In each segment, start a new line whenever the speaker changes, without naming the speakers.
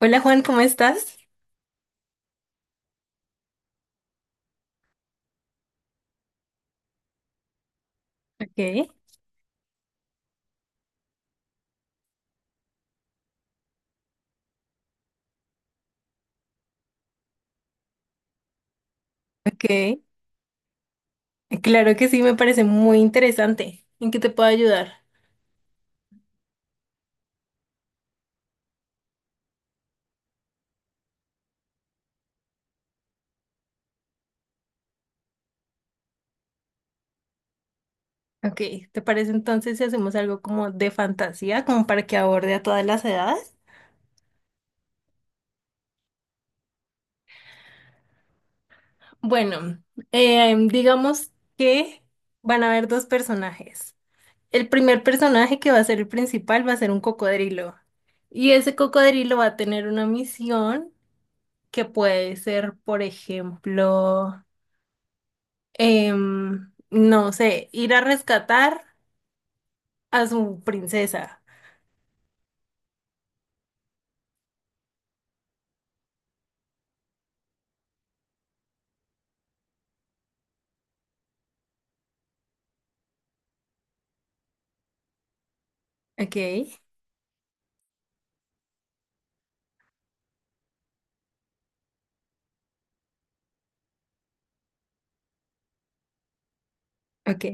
Hola Juan, ¿cómo estás? Ok, ok. Claro que sí, me parece muy interesante. ¿En qué te puedo ayudar? Ok, ¿te parece entonces si hacemos algo como de fantasía, como para que aborde a todas las edades? Bueno, digamos que van a haber dos personajes. El primer personaje que va a ser el principal va a ser un cocodrilo. Y ese cocodrilo va a tener una misión que puede ser, por ejemplo, no sé, ir a rescatar a su princesa. Ok, ok,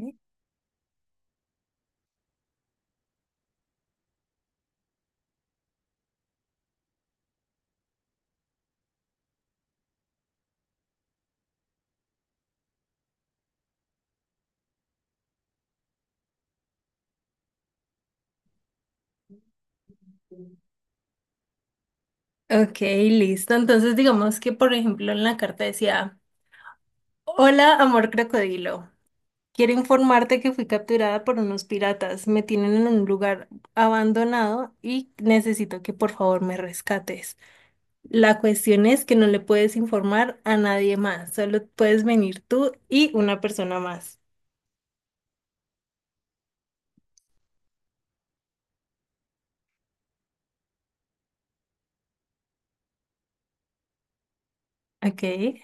ok, listo. Entonces digamos que, por ejemplo, en la carta decía: Hola, amor crocodilo. Quiero informarte que fui capturada por unos piratas. Me tienen en un lugar abandonado y necesito que por favor me rescates. La cuestión es que no le puedes informar a nadie más. Solo puedes venir tú y una persona más. Ok.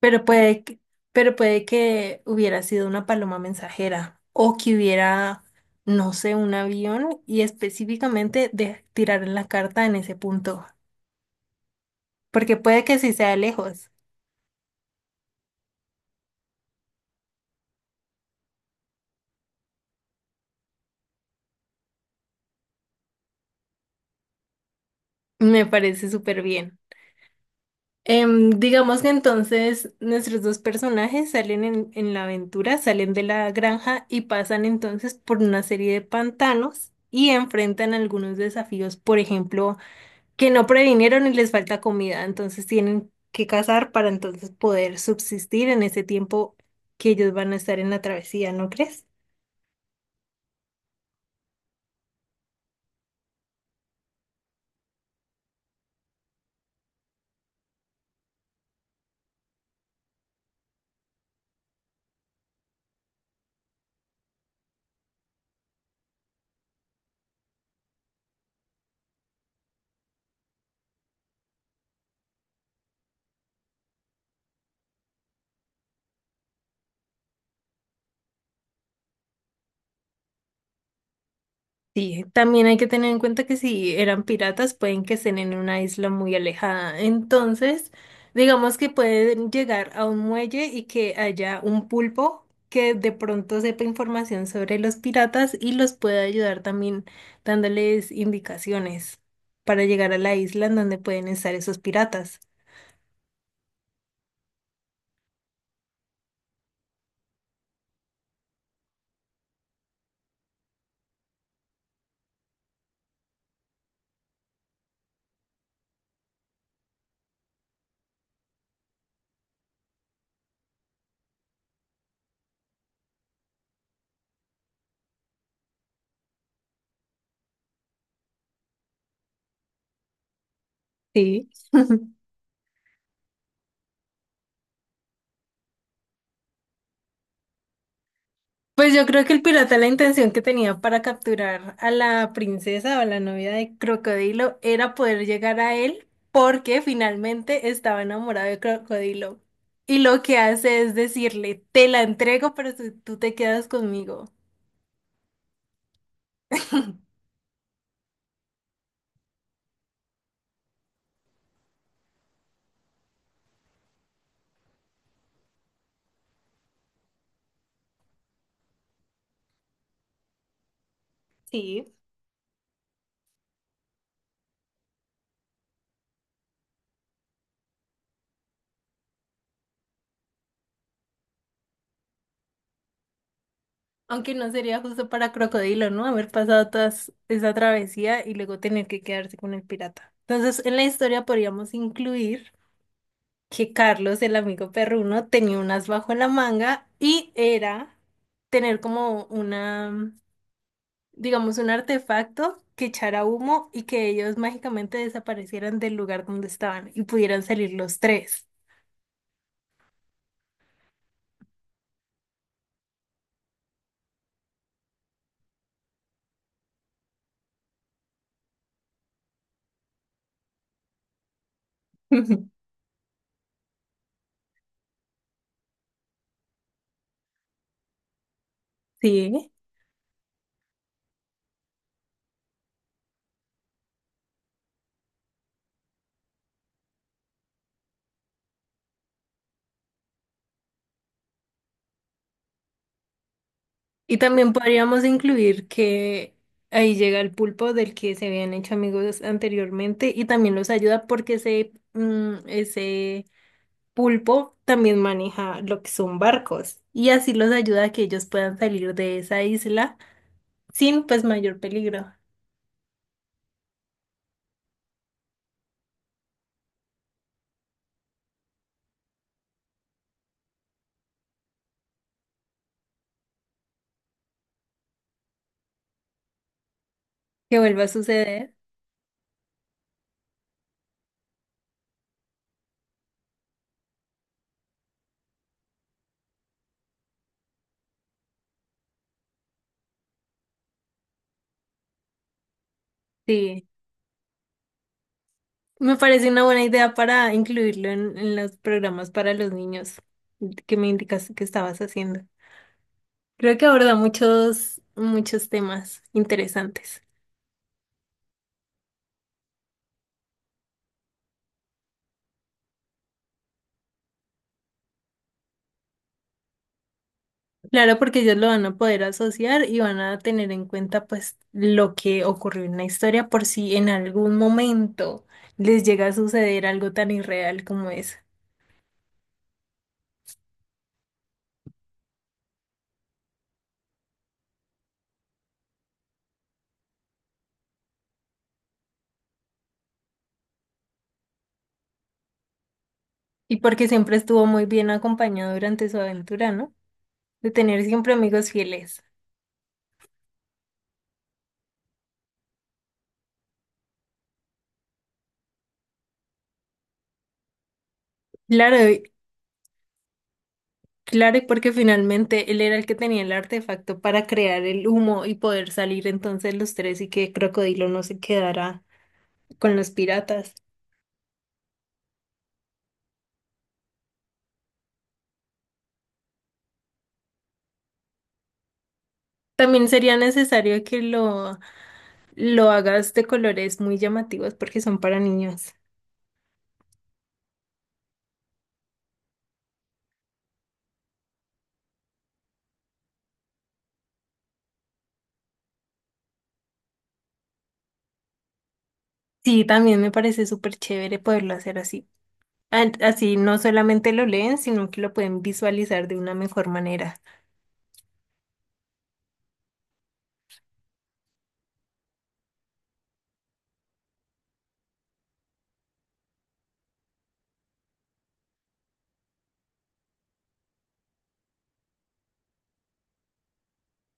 Pero puede que, pero puede que hubiera sido una paloma mensajera o que hubiera, no sé, un avión y específicamente de tirar la carta en ese punto, porque puede que sí sea lejos. Me parece súper bien. Em, digamos que entonces nuestros dos personajes salen en la aventura, salen de la granja y pasan entonces por una serie de pantanos y enfrentan algunos desafíos, por ejemplo, que no previnieron y les falta comida, entonces tienen que cazar para entonces poder subsistir en ese tiempo que ellos van a estar en la travesía, ¿no crees? Sí, también hay que tener en cuenta que si eran piratas pueden que estén en una isla muy alejada, entonces digamos que pueden llegar a un muelle y que haya un pulpo que de pronto sepa información sobre los piratas y los pueda ayudar también dándoles indicaciones para llegar a la isla en donde pueden estar esos piratas. Sí. Pues yo creo que el pirata, la intención que tenía para capturar a la princesa o a la novia de Crocodilo era poder llegar a él porque finalmente estaba enamorado de Crocodilo. Y lo que hace es decirle: te la entrego, pero tú te quedas conmigo. Sí. Aunque no sería justo para Crocodilo, ¿no? Haber pasado toda esa travesía y luego tener que quedarse con el pirata. Entonces, en la historia podríamos incluir que Carlos, el amigo perruno, tenía un as bajo la manga, y era tener como una, digamos, un artefacto que echara humo y que ellos mágicamente desaparecieran del lugar donde estaban y pudieran salir los tres. Sí. Y también podríamos incluir que ahí llega el pulpo del que se habían hecho amigos anteriormente y también los ayuda porque ese, mm, ese pulpo también maneja lo que son barcos y así los ayuda a que ellos puedan salir de esa isla sin pues mayor peligro que vuelva a suceder. Sí, me parece una buena idea para incluirlo en los programas para los niños que me indicaste que estabas haciendo. Creo que aborda muchos temas interesantes. Claro, porque ellos lo van a poder asociar y van a tener en cuenta pues lo que ocurrió en la historia por si en algún momento les llega a suceder algo tan irreal como eso. Y porque siempre estuvo muy bien acompañado durante su aventura, ¿no? De tener siempre amigos fieles. Claro, y- claro, y porque finalmente él era el que tenía el artefacto para crear el humo y poder salir entonces los tres, y que Crocodilo no se quedara con los piratas. También sería necesario que lo hagas de colores muy llamativos porque son para niños. Sí, también me parece súper chévere poderlo hacer así. Así no solamente lo leen, sino que lo pueden visualizar de una mejor manera.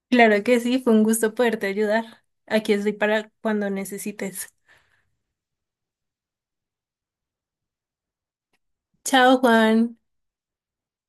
Claro que sí, fue un gusto poderte ayudar. Aquí estoy para cuando necesites. Chao, Juan.